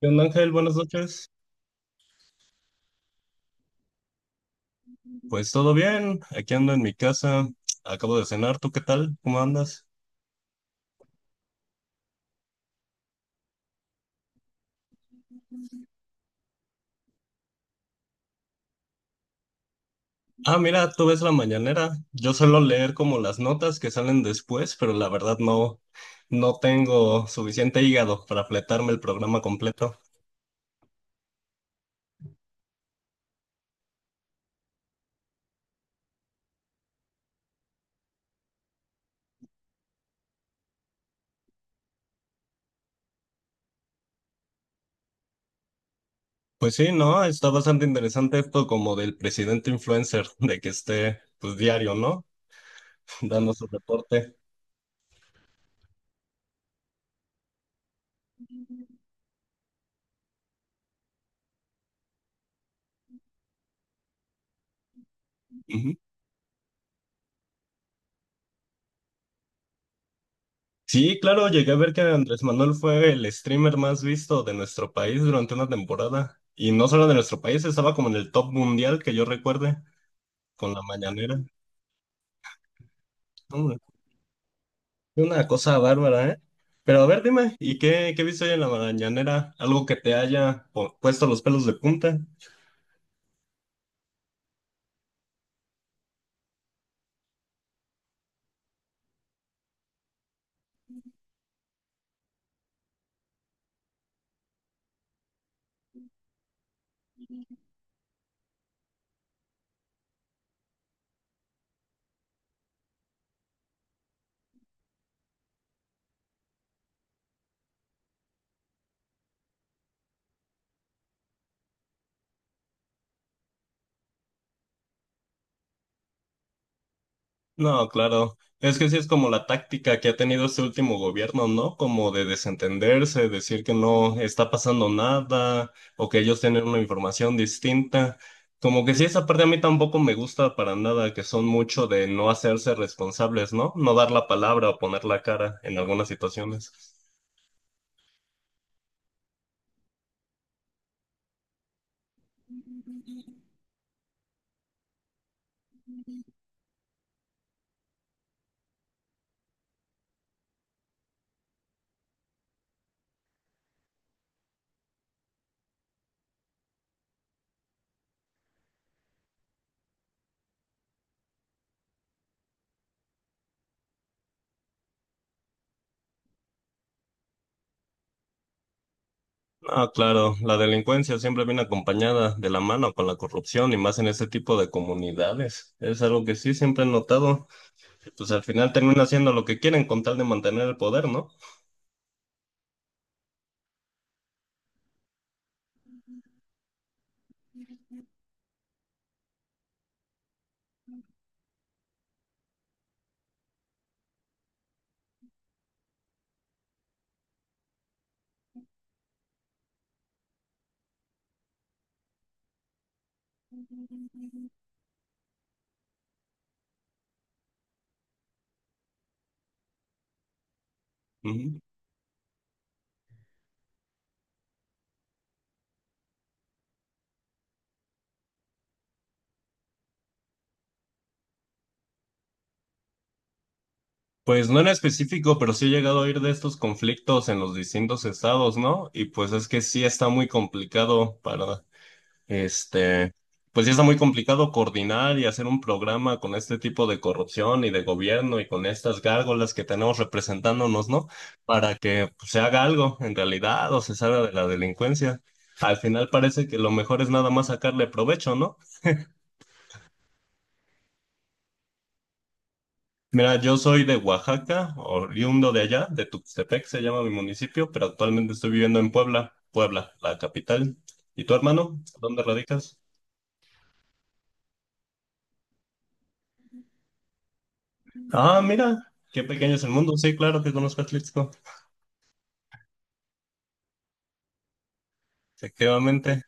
¿Qué onda, Ángel? Buenas noches. Pues todo bien, aquí ando en mi casa, acabo de cenar, ¿tú qué tal? ¿Cómo andas? Ah, mira, tú ves la mañanera. Yo suelo leer como las notas que salen después, pero la verdad no, no tengo suficiente hígado para fletarme el programa completo. Pues sí, no, está bastante interesante esto como del presidente influencer, de que esté pues diario, ¿no? Dando su reporte. Ujú. Sí, claro, llegué a ver que Andrés Manuel fue el streamer más visto de nuestro país durante una temporada. Y no solo de nuestro país, estaba como en el top mundial que yo recuerde, con la mañanera. Hombre, fue una cosa bárbara, ¿eh? Pero a ver, dime, ¿y qué viste hoy en la mañanera? ¿Algo que te haya puesto los pelos de punta? No, claro. Es que sí es como la táctica que ha tenido este último gobierno, ¿no? Como de desentenderse, decir que no está pasando nada o que ellos tienen una información distinta. Como que sí, esa parte a mí tampoco me gusta para nada, que son mucho de no hacerse responsables, ¿no? No dar la palabra o poner la cara en algunas situaciones. Ah, claro, la delincuencia siempre viene acompañada de la mano con la corrupción y más en ese tipo de comunidades. Es algo que sí siempre he notado. Pues al final termina haciendo lo que quieren con tal de mantener el poder, ¿no? Ujú. Pues no en específico, pero sí he llegado a oír de estos conflictos en los distintos estados, ¿no? Y pues es que sí está muy complicado para, este, pues sí está muy complicado coordinar y hacer un programa con este tipo de corrupción y de gobierno y con estas gárgolas que tenemos representándonos, ¿no? Para que pues, se haga algo en realidad o se salga de la delincuencia. Al final parece que lo mejor es nada más sacarle provecho, ¿no? Mira, yo soy de Oaxaca, oriundo de allá, de Tuxtepec se llama mi municipio, pero actualmente estoy viviendo en Puebla, Puebla, la capital. ¿Y tu hermano? ¿Dónde radicas? Ah, mira, qué pequeño es el mundo. Sí, claro que conozco a Atlixco, efectivamente.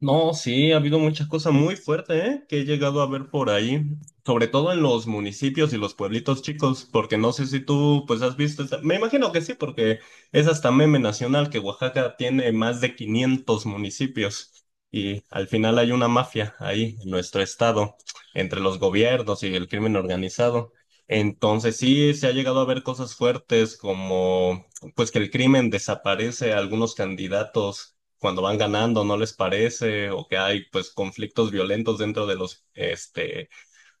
No, sí, ha habido muchas cosas muy fuertes, ¿eh? Que he llegado a ver por ahí, sobre todo en los municipios y los pueblitos chicos, porque no sé si tú pues has visto, me imagino que sí, porque es hasta meme nacional que Oaxaca tiene más de 500 municipios y al final hay una mafia ahí en nuestro estado, entre los gobiernos y el crimen organizado. Entonces sí, se ha llegado a ver cosas fuertes como pues que el crimen desaparece a algunos candidatos cuando van ganando no les parece o que hay pues conflictos violentos dentro de los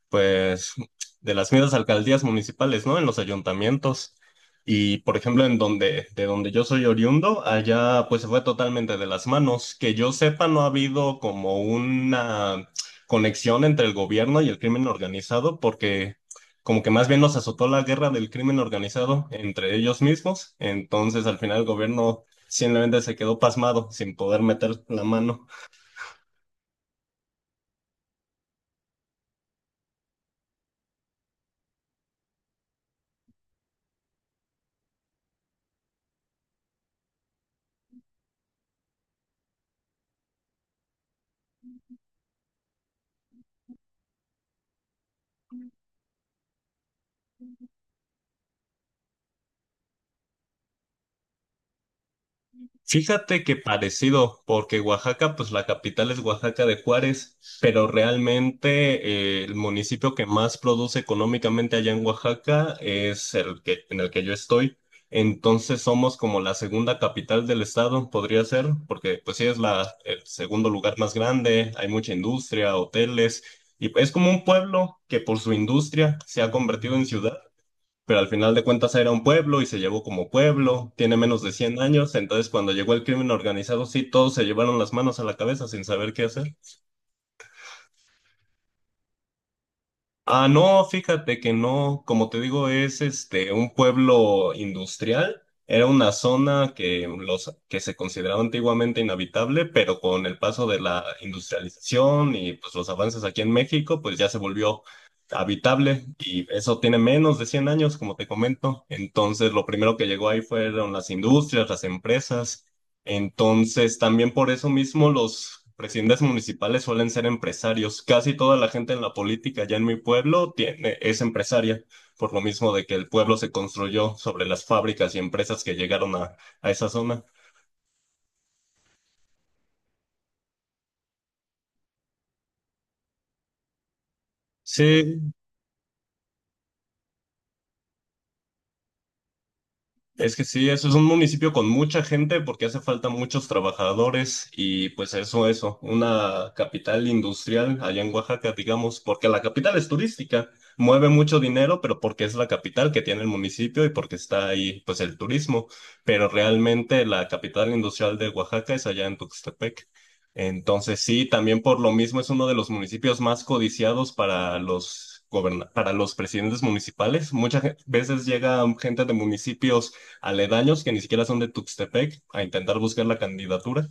pues, de las mismas alcaldías municipales, ¿no? En los ayuntamientos. Y, por ejemplo, de donde yo soy oriundo, allá pues se fue totalmente de las manos. Que yo sepa, no ha habido como una conexión entre el gobierno y el crimen organizado, porque como que más bien nos azotó la guerra del crimen organizado entre ellos mismos. Entonces, al final, el gobierno simplemente se quedó pasmado sin poder meter la mano. Fíjate que parecido, porque Oaxaca, pues la capital es Oaxaca de Juárez, pero realmente el municipio que más produce económicamente allá en Oaxaca es en el que yo estoy. Entonces somos como la segunda capital del estado, podría ser, porque pues sí es el segundo lugar más grande, hay mucha industria, hoteles, y es como un pueblo que por su industria se ha convertido en ciudad, pero al final de cuentas era un pueblo y se llevó como pueblo, tiene menos de 100 años. Entonces cuando llegó el crimen organizado, sí, todos se llevaron las manos a la cabeza sin saber qué hacer. Ah, no, fíjate que no, como te digo, es un pueblo industrial. Era una zona que los que se consideraba antiguamente inhabitable, pero con el paso de la industrialización y pues los avances aquí en México, pues ya se volvió habitable y eso tiene menos de 100 años, como te comento. Entonces, lo primero que llegó ahí fueron las industrias, las empresas. Entonces, también por eso mismo los presidentes municipales suelen ser empresarios. Casi toda la gente en la política ya en mi pueblo tiene, es empresaria, por lo mismo de que el pueblo se construyó sobre las fábricas y empresas que llegaron a esa zona. Sí, es que sí, eso es un municipio con mucha gente porque hace falta muchos trabajadores y pues una capital industrial allá en Oaxaca, digamos, porque la capital es turística, mueve mucho dinero, pero porque es la capital que tiene el municipio y porque está ahí pues el turismo, pero realmente la capital industrial de Oaxaca es allá en Tuxtepec. Entonces sí, también por lo mismo es uno de los municipios más codiciados para los para los presidentes municipales. Muchas veces llega gente de municipios aledaños que ni siquiera son de Tuxtepec a intentar buscar la candidatura.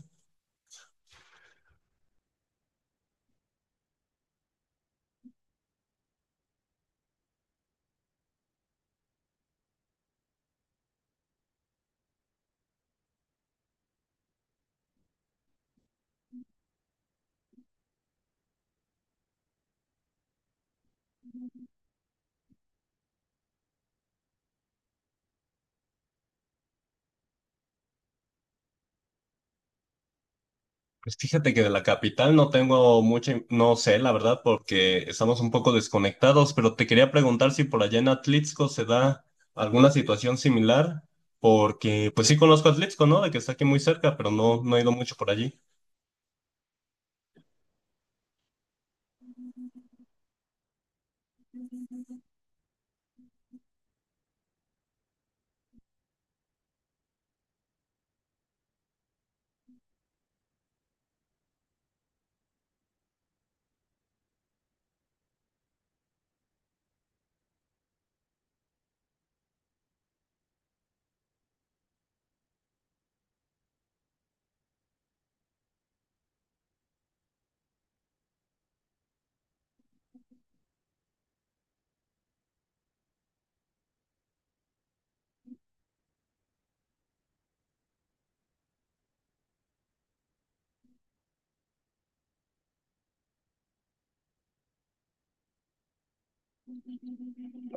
Pues fíjate que de la capital no tengo no sé, la verdad, porque estamos un poco desconectados, pero te quería preguntar si por allá en Atlixco se da alguna situación similar, porque pues sí conozco Atlixco, ¿no? De que está aquí muy cerca, pero no, no he ido mucho por allí.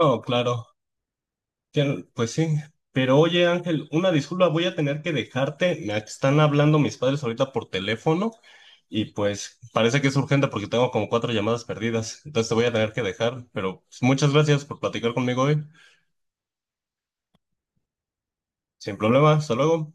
No, claro, pues sí. Pero oye, Ángel, una disculpa, voy a tener que dejarte. Me están hablando mis padres ahorita por teléfono. Y pues parece que es urgente porque tengo como 4 llamadas perdidas. Entonces te voy a tener que dejar, pero pues, muchas gracias por platicar conmigo hoy. Sin problema, hasta luego.